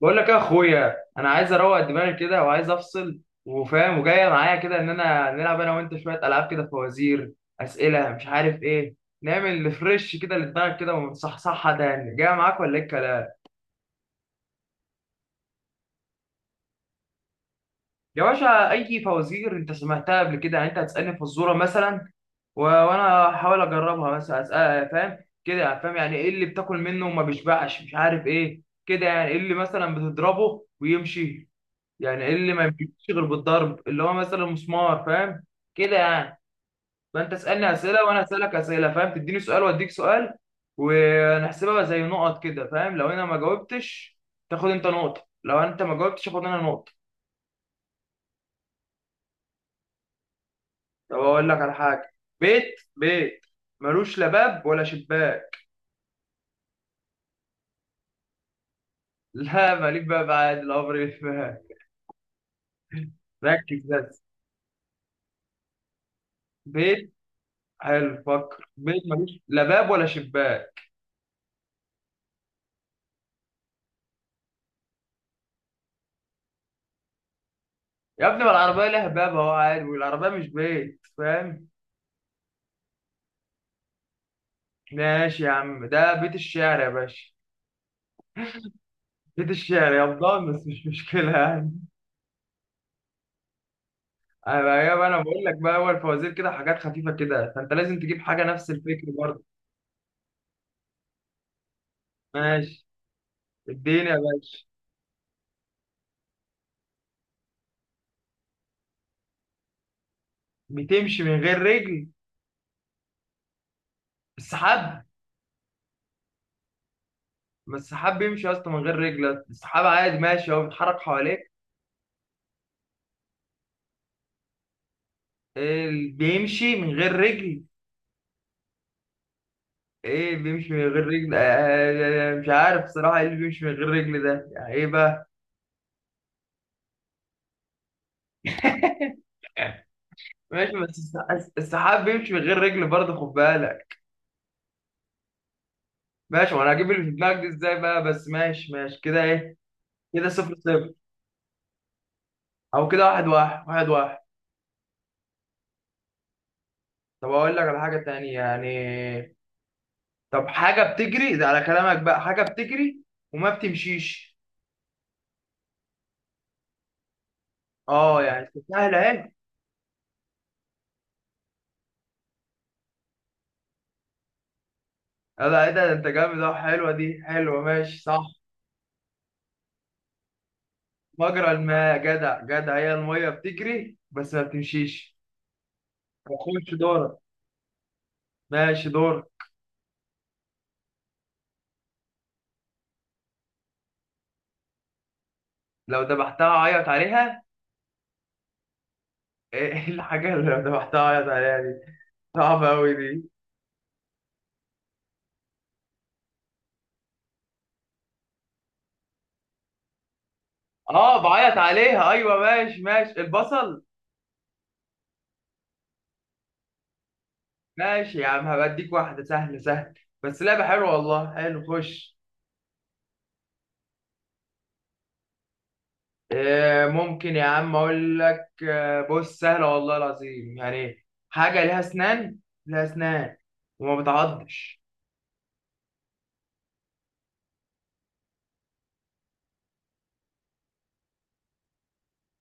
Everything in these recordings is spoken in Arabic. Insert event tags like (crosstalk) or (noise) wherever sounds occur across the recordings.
بقول لك يا اخويا، انا عايز اروق دماغي كده وعايز افصل، وفاهم وجايه معايا كده ان انا نلعب انا وانت شويه العاب كده، فوازير، اسئله مش عارف ايه. نعمل ريفرش كده لدماغك كده ونصحصحها تاني، جاي معاك ولا ايه الكلام؟ يا باشا، اي فوازير انت سمعتها قبل كده، يعني انت هتسالني فزوره مثلا وانا هحاول اجربها، مثلا اسال فاهم كده يعني، فاهم يعني ايه اللي بتاكل منه وما بيشبعش، مش عارف ايه كده. يعني ايه اللي مثلا بتضربه ويمشي، يعني إيه اللي ما بيمشيش غير بالضرب، اللي هو مثلا مسمار، فاهم كده يعني. فانت اسالني اسئله وانا اسالك اسئله، فاهم، تديني سؤال واديك سؤال، ونحسبها زي نقط كده، فاهم. لو انا ما جاوبتش تاخد انت نقطه، لو انت ما جاوبتش اخد انا نقطه. طب اقول لك على حاجه. بيت، بيت ملوش لا باب ولا شباك. (laughs) لا ماليك باب عادي، الامر يتفهم. ركز بس. بيت. حلو، فكر، بيت ملوش لا باب ولا شباك. يا ابني ما العربيه لها باب اهو عادي، والعربيه مش بيت، فاهم. ماشي يا عم، ده بيت الشعر يا باشا. بيت الشعر يا بضان، بس مش مشكلة يعني. أنا بقى أنا بقول لك بقى، أول فوازير كده حاجات خفيفة كده، فأنت لازم تجيب حاجة نفس الفكر برضه. ماشي، اديني يا باشا. بتمشي من غير رجل؟ السحاب. ما السحاب بيمشي يا اسطى من غير رجل، السحاب عادي ماشي، هو بيتحرك حواليك. إيه اللي بيمشي من غير رجل؟ ايه بيمشي من غير رجل؟ مش عارف صراحة، ايه اللي بيمشي من غير رجل ده، يعني ايه بقى. ماشي بس. السحاب بيمشي من غير رجل برضه، خد بالك. ماشي، وانا هجيب اللي في دماغك دي ازاي بقى؟ بس ماشي، ماشي كده، ايه. كده صفر صفر، او كده واحد واحد، واحد واحد. طب اقول لك على حاجة تانية يعني. طب حاجة بتجري، ده على كلامك بقى، حاجة بتجري وما بتمشيش. اه يعني سهلة اهي. لا ايه ده، ده انت جامد اهو، حلوة دي حلوة، ماشي صح. مجرى الماء، جدع جدع، هي المية بتجري بس ما بتمشيش. خش دورك، ماشي دور. لو ذبحتها عيط عليها؟ ايه الحاجة اللي ذبحتها اعيط عليها دي، صعبة أوي دي. اه بعيط عليها، ايوه ماشي ماشي، البصل. ماشي يا عم، هبديك واحدة سهل سهل، بس لعبة حلوة والله، حلو خش. إيه ممكن يا عم اقول لك، بص سهلة والله العظيم، يعني حاجة ليها اسنان، ليها اسنان وما بتعضش.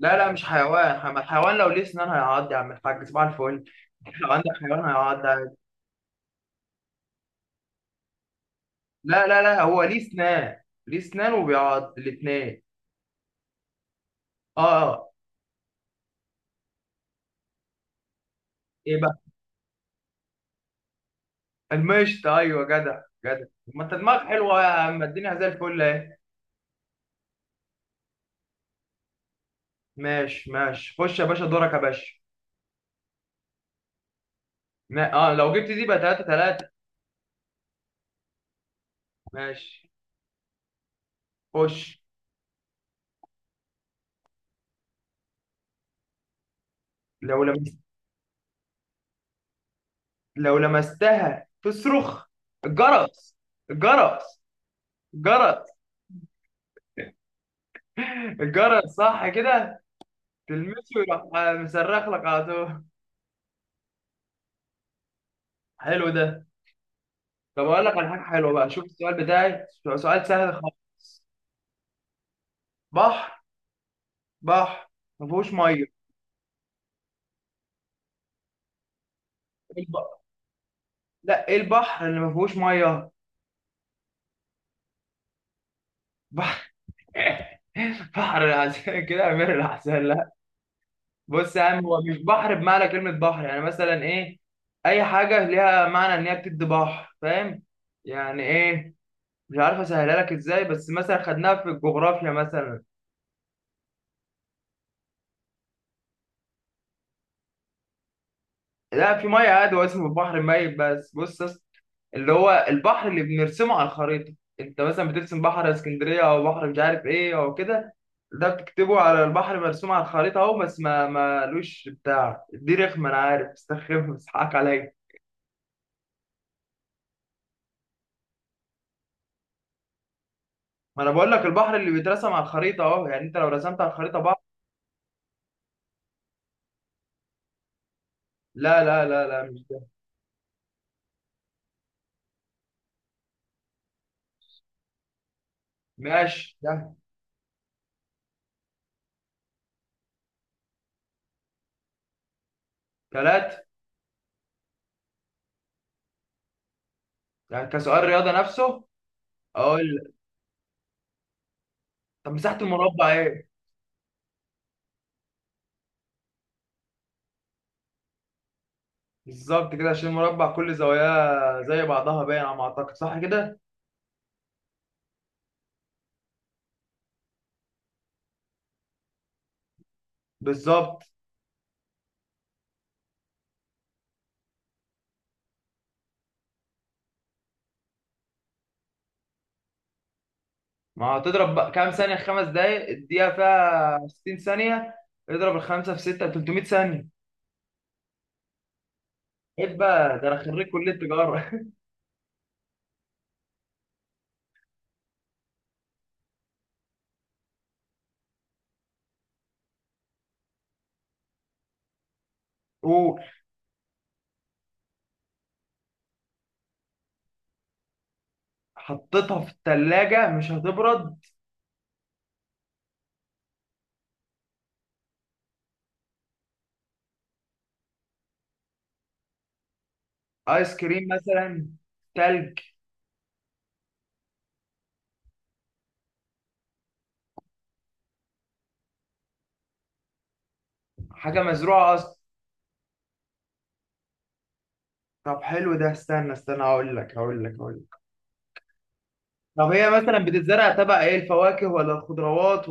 لا لا مش حيوان، الحيوان لو ليه اسنان هيعض يا عم الحاج، صباح الفل. (laughs) لو عندك حيوان هيعض عادي. لا لا لا، هو ليه اسنان، ليه اسنان وبيعض الاتنين. اه. ايه بقى؟ المشط، ايوه جدع جدع. ما انت دماغك حلوه يا عم، الدنيا زي الفل اهي. ماشي ماشي، خش يا باشا دورك يا باشا. ما... اه لو جبت دي بقى 3 3. ماشي خش. لو لمست لو لمستها تصرخ؟ الجرس. الجرس. الجرس. (laughs) الجرس صح كده، تلمسه يروح مصرخ لك على طول. حلو ده. طب اقول لك على حاجه حلوه بقى، شوف السؤال بتاعي، سؤال سهل خالص. بحر، بحر ما فيهوش ميه. لا، ايه البحر اللي ما فيهوش ميه؟ بحر. (laughs) بحر العسل كده، امير العسل، لا. بص يا عم، هو مش بحر بمعنى كلمه بحر، يعني مثلا ايه، اي حاجه ليها معنى ان هي بتدي بحر، فاهم يعني ايه. مش عارف اسهلها لك ازاي، بس مثلا خدناها في الجغرافيا مثلا. لا في ميه عادي، هو اسمه البحر ميت بس. بص يا اسطى، اللي هو البحر اللي بنرسمه على الخريطه، انت مثلا بترسم بحر اسكندريه او بحر مش عارف ايه او كده، ده بتكتبه على البحر مرسوم على الخريطه اهو، بس ما مالوش بتاع دي رخمه، انا عارف استخف بس حقك عليا. ما انا بقول لك، البحر اللي بيترسم على الخريطه اهو، يعني انت لو رسمت على الخريطه بحر. لا لا لا لا، مش ده. ماشي ده. ثلاثة. يعني كسؤال رياضه نفسه، اقول. طب مساحه المربع ايه؟ بالظبط كده، عشان المربع كل زواياه زي بعضها، باين على ما اعتقد، صح كده. بالظبط. ما هتضرب بقى، كام ثانيه خمس دقايق، الدقيقه فيها 60 ثانيه، اضرب الخمسه في سته، 300 ثانيه. عيب بقى، ده انا خريج كليه تجاره. (laughs) وحطيتها في الثلاجه مش هتبرد؟ ايس كريم مثلا، تلج. حاجه مزروعه اصلا. طب حلو ده، استنى استنى، هقول لك. طب هي مثلا بتتزرع تبع ايه، الفواكه ولا الخضروات؟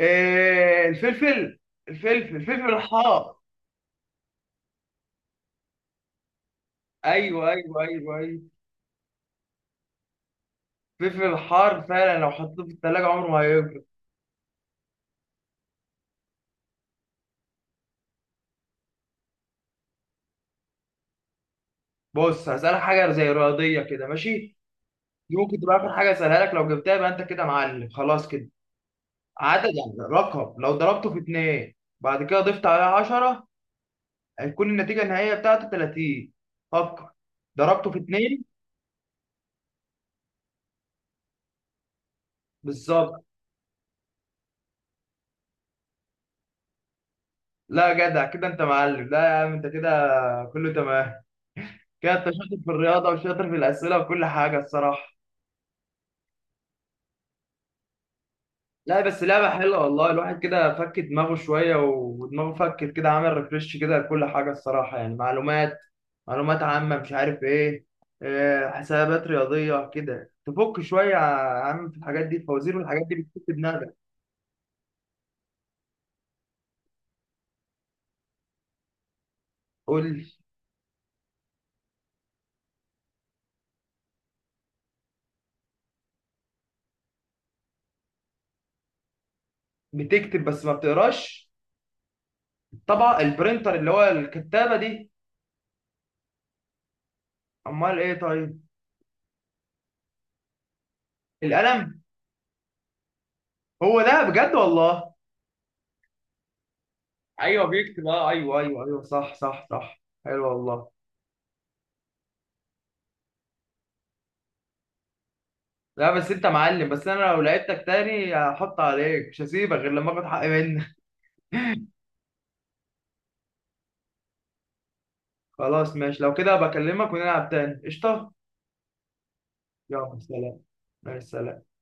الفلفل، الفلفل، الفلفل الحار. ايوه ايوه ايوه ايوه. الفلفل الحار فعلا لو حطيته في التلاجة عمره ما هيبرد. بص هسألك حاجة زي رياضية كده، ماشي. دي ممكن تبقى آخر حاجة أسألها لك، لو جبتها يبقى أنت كده معلم خلاص كده. عدد يعني رقم، لو ضربته في اتنين بعد كده ضفت عليه 10، هيكون النتيجة النهائية بتاعته 30. فكر، ضربته في اتنين. بالظبط. لا جدع كده أنت معلم، لا يا عم أنت كده، كله تمام. كده انت شاطر في الرياضه وشاطر في الاسئله وكل حاجه الصراحه. لا بس لعبه حلوه والله، الواحد كده فك دماغه شويه، ودماغه فكت كده، عمل ريفريش كده لكل حاجه الصراحه، يعني معلومات، معلومات عامه مش عارف ايه، حسابات رياضيه كده، تفك شويه يا عم في الحاجات دي، الفوازير والحاجات دي بتكتب دماغك. قول لي. بتكتب بس ما بتقراش؟ طبعا البرينتر، اللي هو الكتابه دي. امال ايه طيب؟ القلم. هو ده بجد والله. ايوه بيكتب، اه ايوه ايوه ايوه، صح صح صح، حلو والله. لا بس انت معلم، بس انا لو لعبتك تاني هحط عليك، مش هسيبك غير لما اخد حقي منك. خلاص ماشي، لو كده بكلمك ونلعب تاني، قشطه. يلا سلام، مع السلامه.